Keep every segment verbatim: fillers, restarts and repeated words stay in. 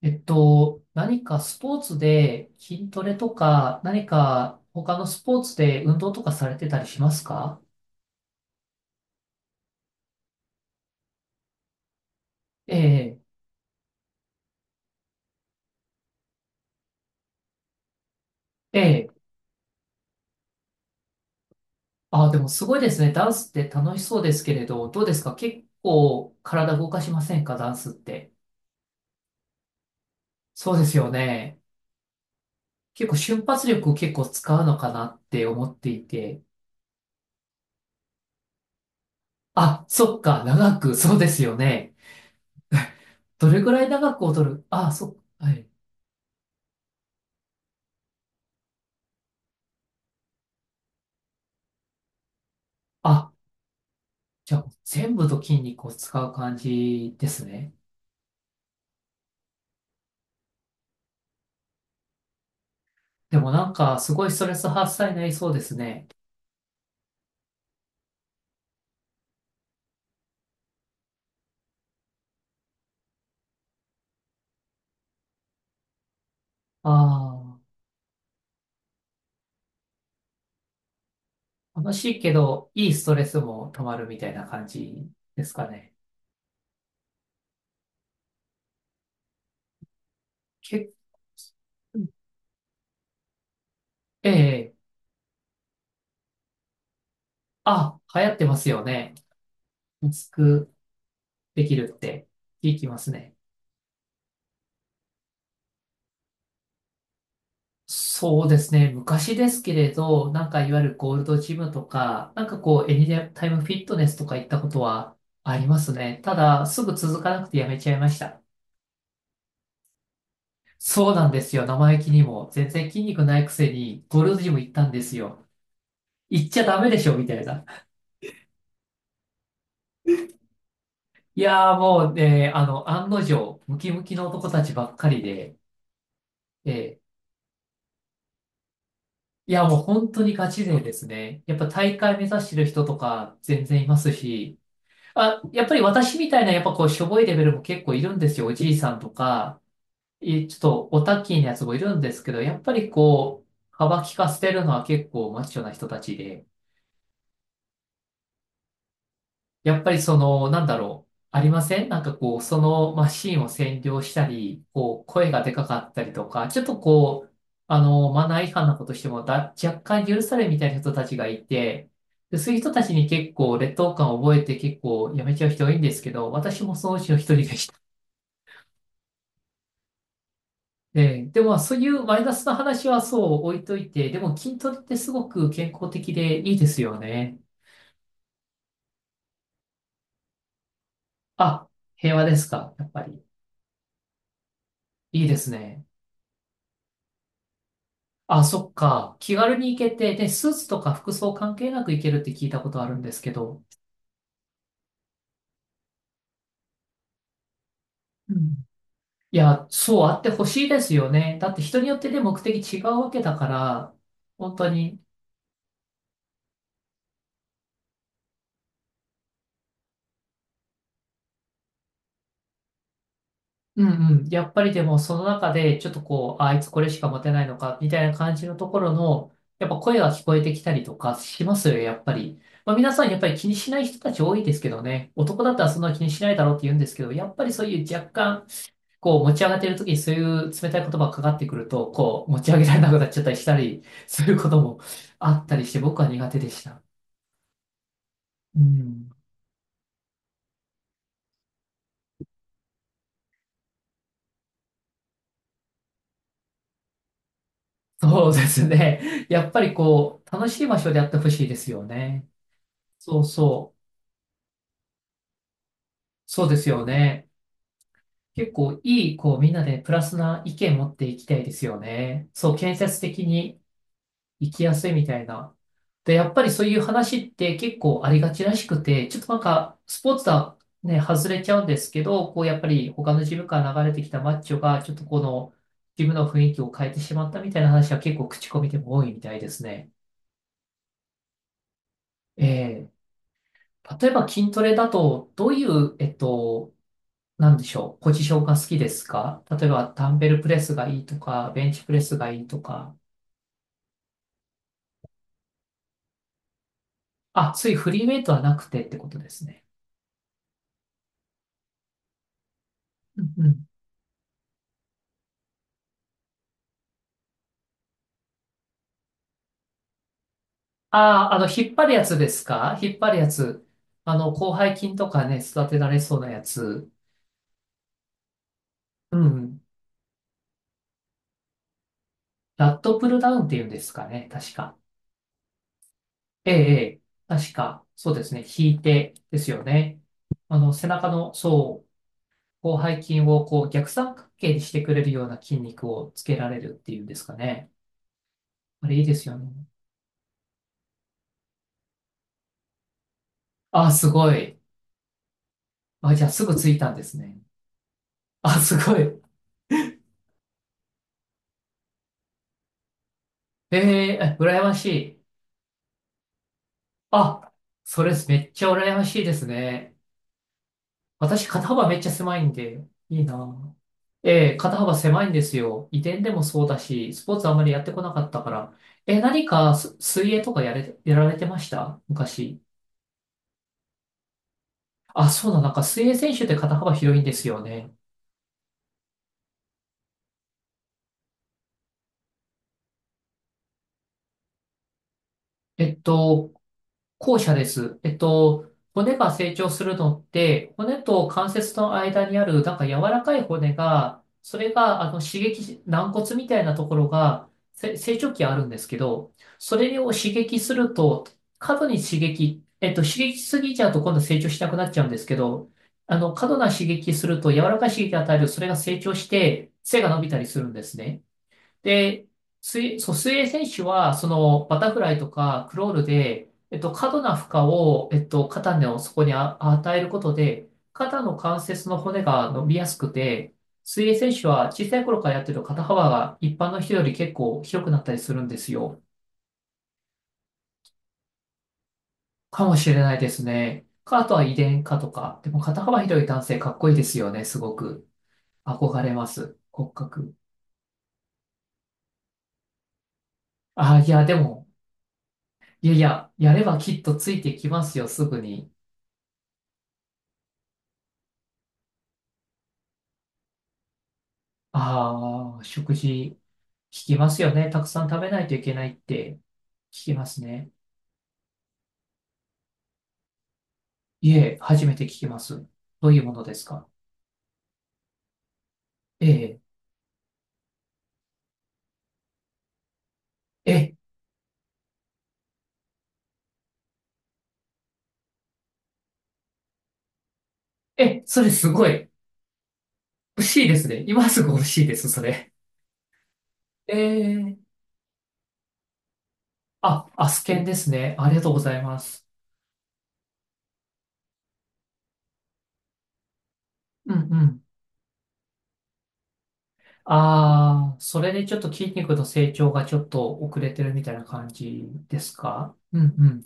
えっと、何かスポーツで筋トレとか、何か他のスポーツで運動とかされてたりしますか？ええ、ええ。あ、でもすごいですね。ダンスって楽しそうですけれど、どうですか？結構体動かしませんか、ダンスって？そうですよね。結構瞬発力を結構使うのかなって思っていて。あ、そっか。長く、そうですよね。どれぐらい長く踊る？あ、そっか。はい。あ、じゃあ全部の筋肉を使う感じですね。でもなんか、すごいストレス発散になりそうですね。ああ、楽しいけど、いいストレスも溜まるみたいな感じですかね。結構、ええ。あ、流行ってますよね。安くできるって聞きますね。そうですね。昔ですけれど、なんかいわゆるゴールドジムとか、なんかこう、エニタイムフィットネスとか行ったことはありますね。ただ、すぐ続かなくてやめちゃいました。そうなんですよ。生意気にも。全然筋肉ないくせに、ゴールドジム行ったんですよ。行っちゃダメでしょ、みたいな。いやーもうね、あの、案の定、ムキムキの男たちばっかりで、ええ。いやもう本当にガチ勢ですね。やっぱ大会目指してる人とか全然いますし、あ、やっぱり私みたいなやっぱこう、しょぼいレベルも結構いるんですよ。おじいさんとか、いちょっとオタッキーなやつもいるんですけど、やっぱりこう、幅利かせてるのは結構マッチョな人たちで、やっぱりその、なんだろう、ありませんなんかこう、そのマシンを占領したり、こう、声がでかかったりとか、ちょっとこう、あの、マナー違反なことしてもだ、若干許されるみたいな人たちがいて、で、そういう人たちに結構劣等感を覚えて結構やめちゃう人多いんですけど、私もそのうちの一人でした。で、でもまあそういうマイナスな話はそう置いといて、でも筋トレってすごく健康的でいいですよね。あ、平和ですか、やっぱり？いいですね。あ、そっか。気軽に行けて、で、スーツとか服装関係なく行けるって聞いたことあるんですけど。うん。いや、そうあってほしいですよね。だって人によってね、目的違うわけだから、本当に。うんうん。やっぱりでもその中で、ちょっとこう、ああいつこれしか持てないのか、みたいな感じのところの、やっぱ声が聞こえてきたりとかしますよ、やっぱり。まあ皆さんやっぱり気にしない人たち多いですけどね。男だったらそんな気にしないだろうって言うんですけど、やっぱりそういう若干、こう持ち上がっている時にそういう冷たい言葉がかかってくると、こう持ち上げられなくなっちゃったりしたりすることもあったりして、僕は苦手でした。うん。そうですね。やっぱりこう、楽しい場所でやってほしいですよね。そうそう。そうですよね。結構いい、こうみんなでプラスな意見持っていきたいですよね。そう、建設的に生きやすいみたいな。で、やっぱりそういう話って結構ありがちらしくて、ちょっとなんか、スポーツとはね、外れちゃうんですけど、こう、やっぱり他のジムから流れてきたマッチョが、ちょっとこの、ジムの雰囲気を変えてしまったみたいな話は結構口コミでも多いみたいですね。えー、例えば筋トレだと、どういう、えっと、なんでしょう、ポジションが好きですか？例えば、ダンベルプレスがいいとか、ベンチプレスがいいとか、あ、そういうフリーウェイトはなくてってことですね。うんうん。ああ、あの、引っ張るやつですか？引っ張るやつ。あの、広背筋とかね、育てられそうなやつ。うん。ラットプルダウンっていうんですかね、確か。ええ、ええ、確か。そうですね。引いてですよね。あの、背中の、そう、広背筋をこう逆三角形にしてくれるような筋肉をつけられるっていうんですかね。あれいいですよね。あ、すごい。あ、じゃあすぐついたんですね。あ、すごい。ええ、羨ましい。あ、それめっちゃ羨ましいですね。私、肩幅めっちゃ狭いんで、いいな。ええ、肩幅狭いんですよ。遺伝でもそうだし、スポーツあんまりやってこなかったから。え、何かす水泳とかやれ、やられてました昔？あ、そうだ、なんか水泳選手って肩幅広いんですよね。えっと、後者です。えっと、骨が成長するのって、骨と関節の間にある、なんか柔らかい骨が、それが、あの、刺激し、軟骨みたいなところが、せ成長期あるんですけど、それを刺激すると、過度に刺激、えっと、刺激しすぎちゃうと今度成長しなくなっちゃうんですけど、あの、過度な刺激すると、柔らかい刺激を与える、それが成長して、背が伸びたりするんですね。で、水、そう、水泳選手は、その、バタフライとかクロールで、えっと、過度な負荷を、えっと、肩のそこにあ与えることで、肩の関節の骨が伸びやすくて、水泳選手は小さい頃からやってると肩幅が一般の人より結構広くなったりするんですよ。かもしれないですね。か、あとは遺伝かとか。でも肩幅広い男性かっこいいですよね、すごく。憧れます。骨格。あ、いや、でも、いやいや、やればきっとついてきますよ、すぐに。ああ、食事、聞きますよね。たくさん食べないといけないって聞きますね。いえ、初めて聞きます。どういうものですか？ええ、え、え、それすごい。欲しいですね。今すぐ欲しいです、それ。ええ、あ、アスケンですね。ありがとうございます。うんうん。ああ、それでちょっと筋肉の成長がちょっと遅れてるみたいな感じですか？うん。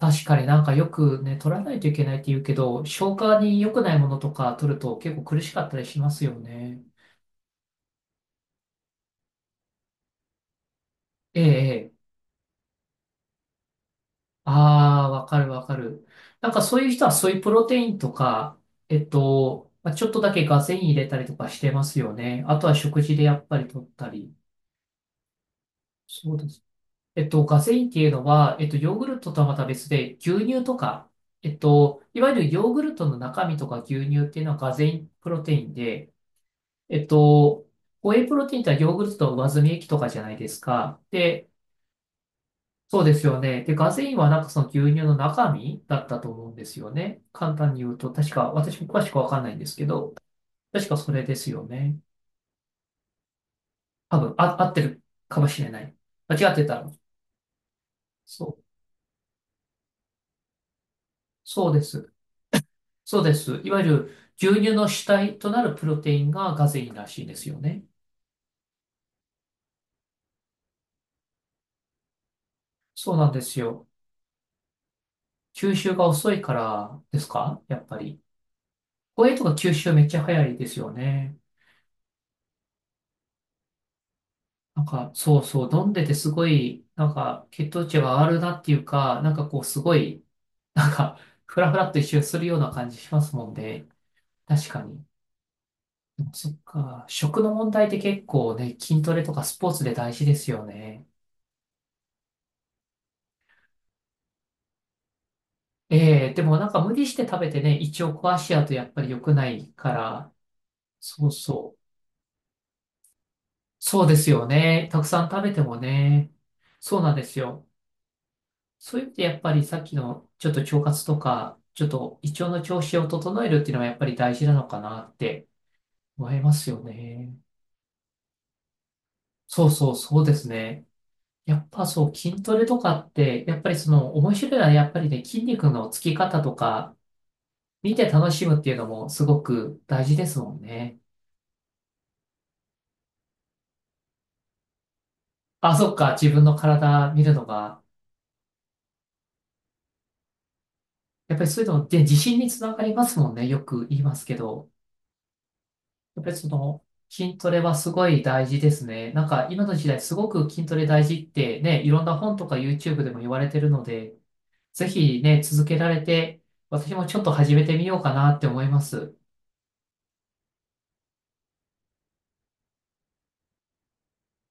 確かになんかよくね、取らないといけないって言うけど、消化に良くないものとか取ると結構苦しかったりしますよね。ええ、ええ。ああ、わかるわかる。なんかそういう人はそういうプロテインとか、えっと、まあちょっとだけガゼイン入れたりとかしてますよね。あとは食事でやっぱり取ったり。そうです。えっと、ガゼインっていうのは、えっと、ヨーグルトとはまた別で、牛乳とか、えっと、いわゆるヨーグルトの中身とか牛乳っていうのはガゼインプロテインで、えっと、ホエイプロテインってのはヨーグルトの上澄み液とかじゃないですか。で、そうですよね。で、ガゼインはなんかその牛乳の中身だったと思うんですよね。簡単に言うと、確か、私も詳しくわかんないんですけど、確かそれですよね。多分、あ、合ってるかもしれない。間違ってたら、そう、そうです。そうです。いわゆる牛乳の主体となるプロテインがガゼインらしいですよね。そうなんですよ。吸収が遅いからですか、やっぱり？ホエイとか吸収めっちゃ早いですよね。なんか、そうそう、飲んでてすごい、なんか、血糖値が上がるなっていうか、なんかこう、すごい、なんか、ふらふらっと一瞬するような感じしますもんね。確かに。でもそっか、食の問題って結構ね、筋トレとかスポーツで大事ですよね。ええ。でもなんか無理して食べてね、胃腸壊しちゃうとやっぱり良くないから、そうそう。そうですよね。たくさん食べてもね。そうなんですよ。そういう意味でやっぱりさっきのちょっと腸活とか、ちょっと胃腸の調子を整えるっていうのはやっぱり大事なのかなって思いますよね。そうそうそうですね。やっぱそう筋トレとかって、やっぱりその面白いのはやっぱりね、筋肉のつき方とか見て楽しむっていうのもすごく大事ですもんね。あ、そっか、自分の体見るのが、やっぱりそういうのって自信につながりますもんね。よく言いますけど。やっぱりその筋トレはすごい大事ですね。なんか今の時代すごく筋トレ大事ってね、いろんな本とか ユーチューブ でも言われてるので、ぜひね、続けられて、私もちょっと始めてみようかなって思います。